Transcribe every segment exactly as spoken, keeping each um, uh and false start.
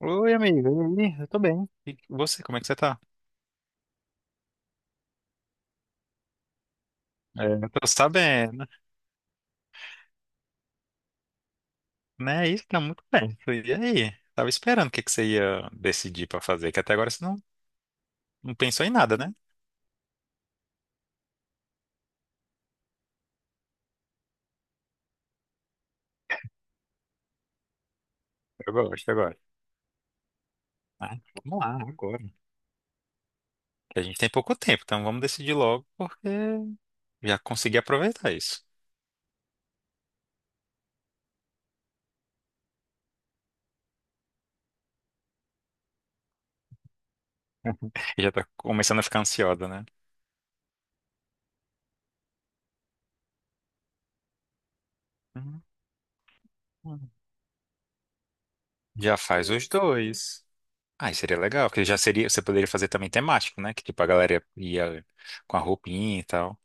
Oi, amigo. E aí? Eu tô bem. E você, como é que você tá? É, eu tô sabendo, né? Isso tá muito bem. E aí? Tava esperando o que que você ia decidir pra fazer, que até agora você não, não pensou em nada, né? Eu gosto, eu gosto. Ah, vamos lá, agora. Que A gente tem pouco tempo, então vamos decidir logo, porque já consegui aproveitar isso. E já tá começando a ficar ansiosa, né? Uhum. Já faz os dois. Ah, e seria legal, porque já seria, você poderia fazer também temático, né? Que tipo, a galera ia com a roupinha e tal.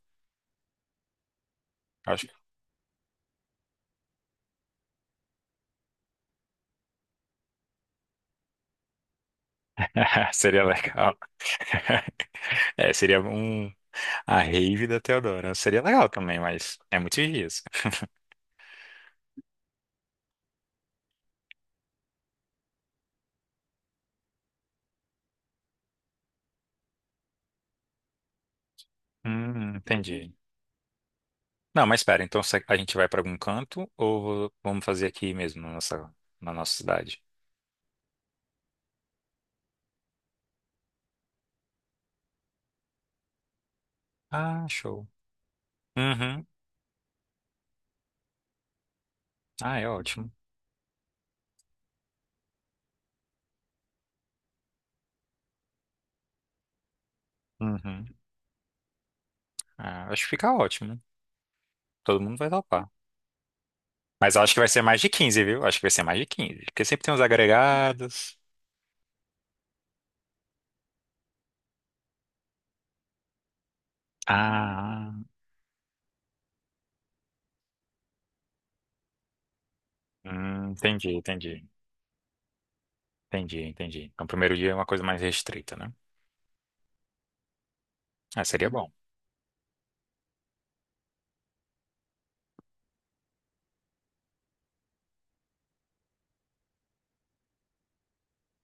Seria legal. É, seria um. A rave da Teodora. Seria legal também, mas é muitos dias. Hum, entendi. Não, mas espera, então se- a gente vai para algum canto ou vamos fazer aqui mesmo na nossa, na nossa cidade? Ah, show. Uhum. Ah, é ótimo. Uhum. Ah, acho que fica ótimo. Todo mundo vai topar. Mas eu acho que vai ser mais de quinze, viu? Acho que vai ser mais de quinze, Porque sempre tem uns agregados. Ah, hum, entendi, entendi. Entendi, entendi. Então, o primeiro dia é uma coisa mais restrita, né? Ah, seria bom.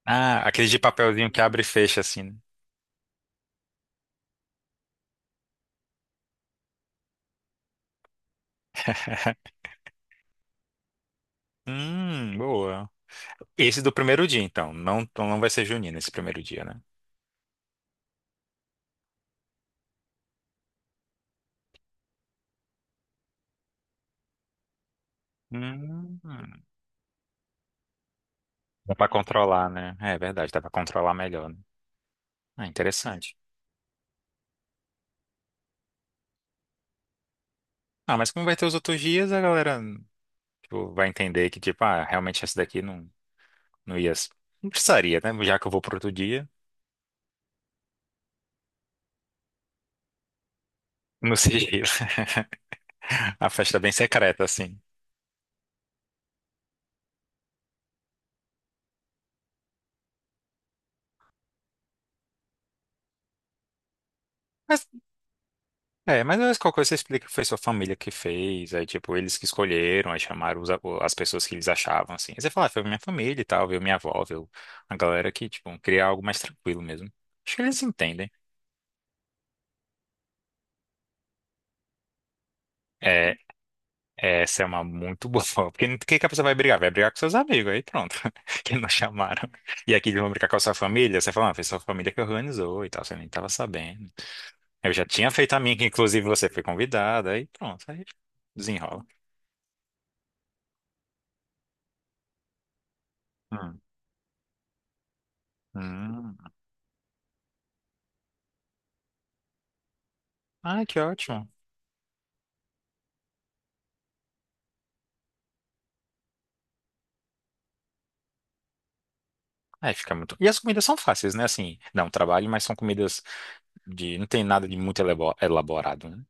Ah, aquele de papelzinho que abre e fecha, assim, né? Hum, boa. Esse do primeiro dia, então. Não, então não vai ser junino esse primeiro dia, né? Hum, dá pra controlar, né? É verdade, dá pra controlar melhor, né? Ah, interessante. Ah, mas como vai ter os outros dias, a galera, tipo, vai entender que, tipo, ah, realmente esse daqui não, não ia... Não precisaria, né? Já que eu vou pro outro dia, no sigilo. A festa é bem secreta, assim. Mas É, mas às vezes qualquer coisa você explica que foi sua família que fez, aí tipo, eles que escolheram, aí chamaram os a- o- as pessoas que eles achavam, assim. Aí você fala, ah, foi minha família e tal, veio minha avó, veio a galera que, tipo, queria algo mais tranquilo mesmo. Acho que eles entendem. É, essa é uma muito boa forma, porque o que que a pessoa vai brigar? Vai brigar com seus amigos, aí pronto, que não chamaram. E aqui eles vão brigar com a sua família, você fala, ah, foi sua família que organizou e tal, você nem tava sabendo. Eu já tinha feito a minha, que inclusive você foi convidada, aí pronto, aí desenrola. Hum. Hum. Ah, que ótimo. Aí fica muito. E as comidas são fáceis, né? Assim, dá um trabalho, mas são comidas de. Não tem nada de muito elebo- elaborado, né?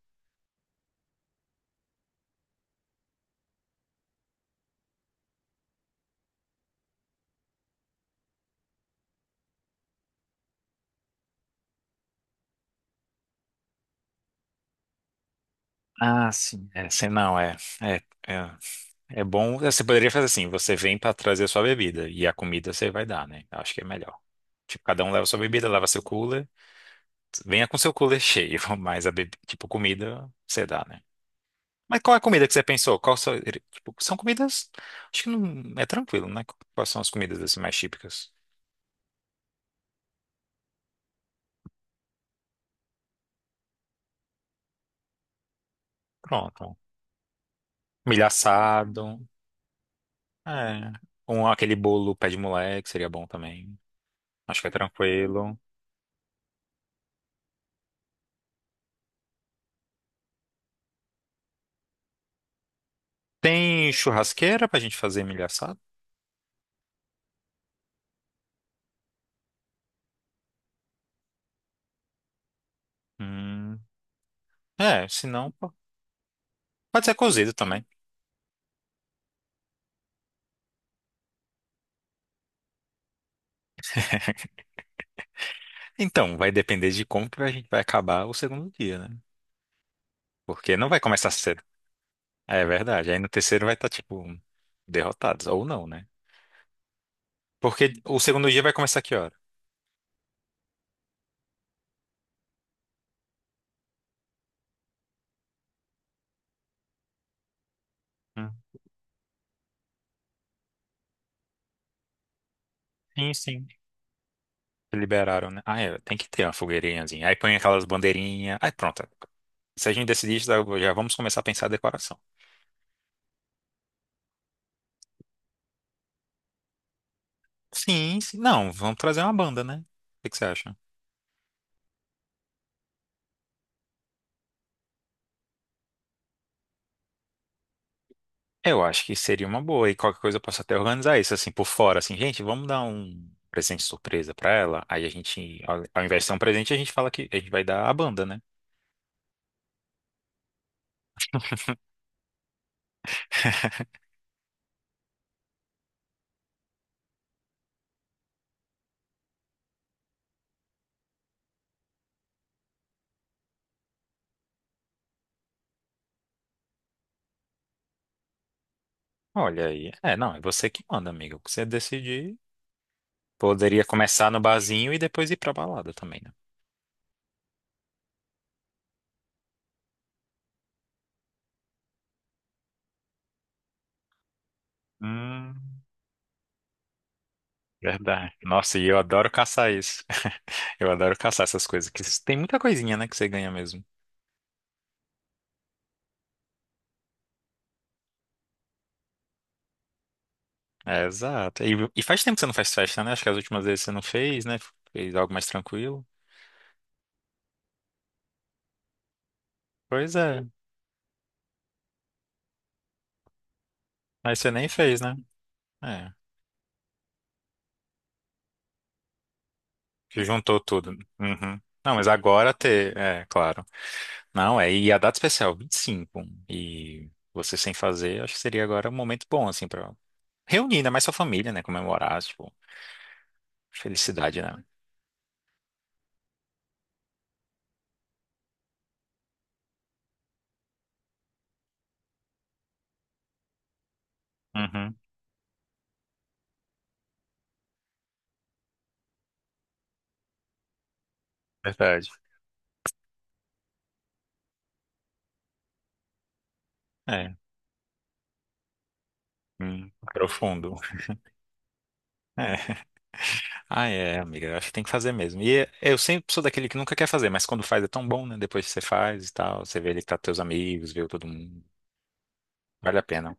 Ah, sim. É, se- não, é, é, é, é bom. é, Você poderia fazer assim: você vem para trazer sua bebida e a comida você vai dar, né? Eu acho que é melhor. Tipo, cada um leva sua bebida, leva seu cooler. Venha com seu cooler cheio, mas a bebida, tipo, comida você dá, né? Mas qual é a comida que você pensou? Qual são, tipo, são comidas. Acho que não é tranquilo, né? Quais são as comidas assim mais típicas? Pronto. Milho assado. É. Um, aquele bolo pé de moleque seria bom também. Acho que é tranquilo. Tem churrasqueira pra gente fazer milho assado? Hum, é, se não, pô, pode ser cozido também. Então, vai depender de como que a gente vai acabar o segundo dia, né? Porque não vai começar cedo. É verdade. Aí no terceiro vai estar, tipo, derrotados. Ou não, né? Porque o segundo dia vai começar que hora? Hum, Sim, sim. Liberaram, né? Ah, é, tem que ter uma fogueirinhazinha. Aí põe aquelas bandeirinhas. Aí pronto. Se a gente decidir isso, já vamos começar a pensar a decoração. Sim, sim. Não, vamos trazer uma banda, né? O que que você acha? Eu acho que seria uma boa. E qualquer coisa eu posso até organizar isso, assim, por fora. Assim, gente, vamos dar um presente surpresa pra ela. Aí a gente, ao ao invés de ser um presente, a gente fala que a gente vai dar a banda, né? Olha aí. É, não, é você que manda, amigo. O que você decidir. Poderia começar no barzinho e depois ir pra balada também, né? Hum, verdade. Nossa, e eu adoro caçar isso. Eu adoro caçar essas coisas. Que tem muita coisinha, né, que você ganha mesmo. É, exato. E, e faz tempo que você não faz festa, né? Acho que as últimas vezes você não fez, né? Fez algo mais tranquilo. Pois é. Mas você nem fez, né? É. Que juntou tudo. Uhum. Não, mas agora ter. É, claro. Não, é. E a data especial, vinte e cinco. E cinco. E você sem fazer, acho que seria agora um momento bom, assim, pra reunir ainda mais sua família, né? Comemorar, tipo, felicidade, né? Uhum. Verdade. É. Hum, profundo. É. Ah, é, amiga, eu acho que tem que fazer mesmo. E é- eu sempre sou daquele que nunca quer fazer, mas quando faz é tão bom, né? Depois que você faz e tal, você vê ele que tá com teus amigos, viu todo mundo. Vale a pena.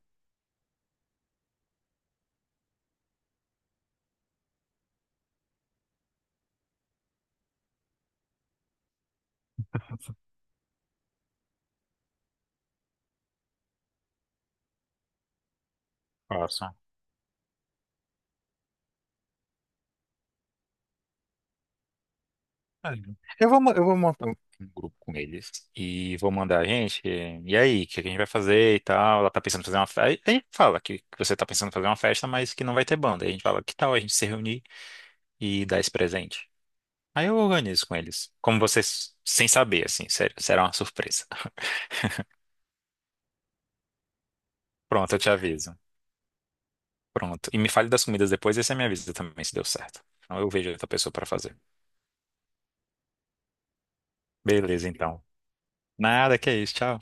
Façam. Vale. Eu vou, mo- eu vou montar um grupo com eles e vou mandar, a gente, e aí, o que a gente vai fazer e tal? Ela tá pensando em fazer uma festa. Aí aí fala que que você tá pensando em fazer uma festa, mas que não vai ter banda. Aí a gente fala, que tal a gente se reunir e dar esse presente? Aí eu organizo com eles. Como vocês, sem saber, assim, sério, será uma surpresa. Pronto, eu te aviso. Pronto. E me fale das comidas depois e você me avisa também se deu certo. Então eu vejo outra pessoa para fazer. Beleza, então. Nada, que é isso. Tchau.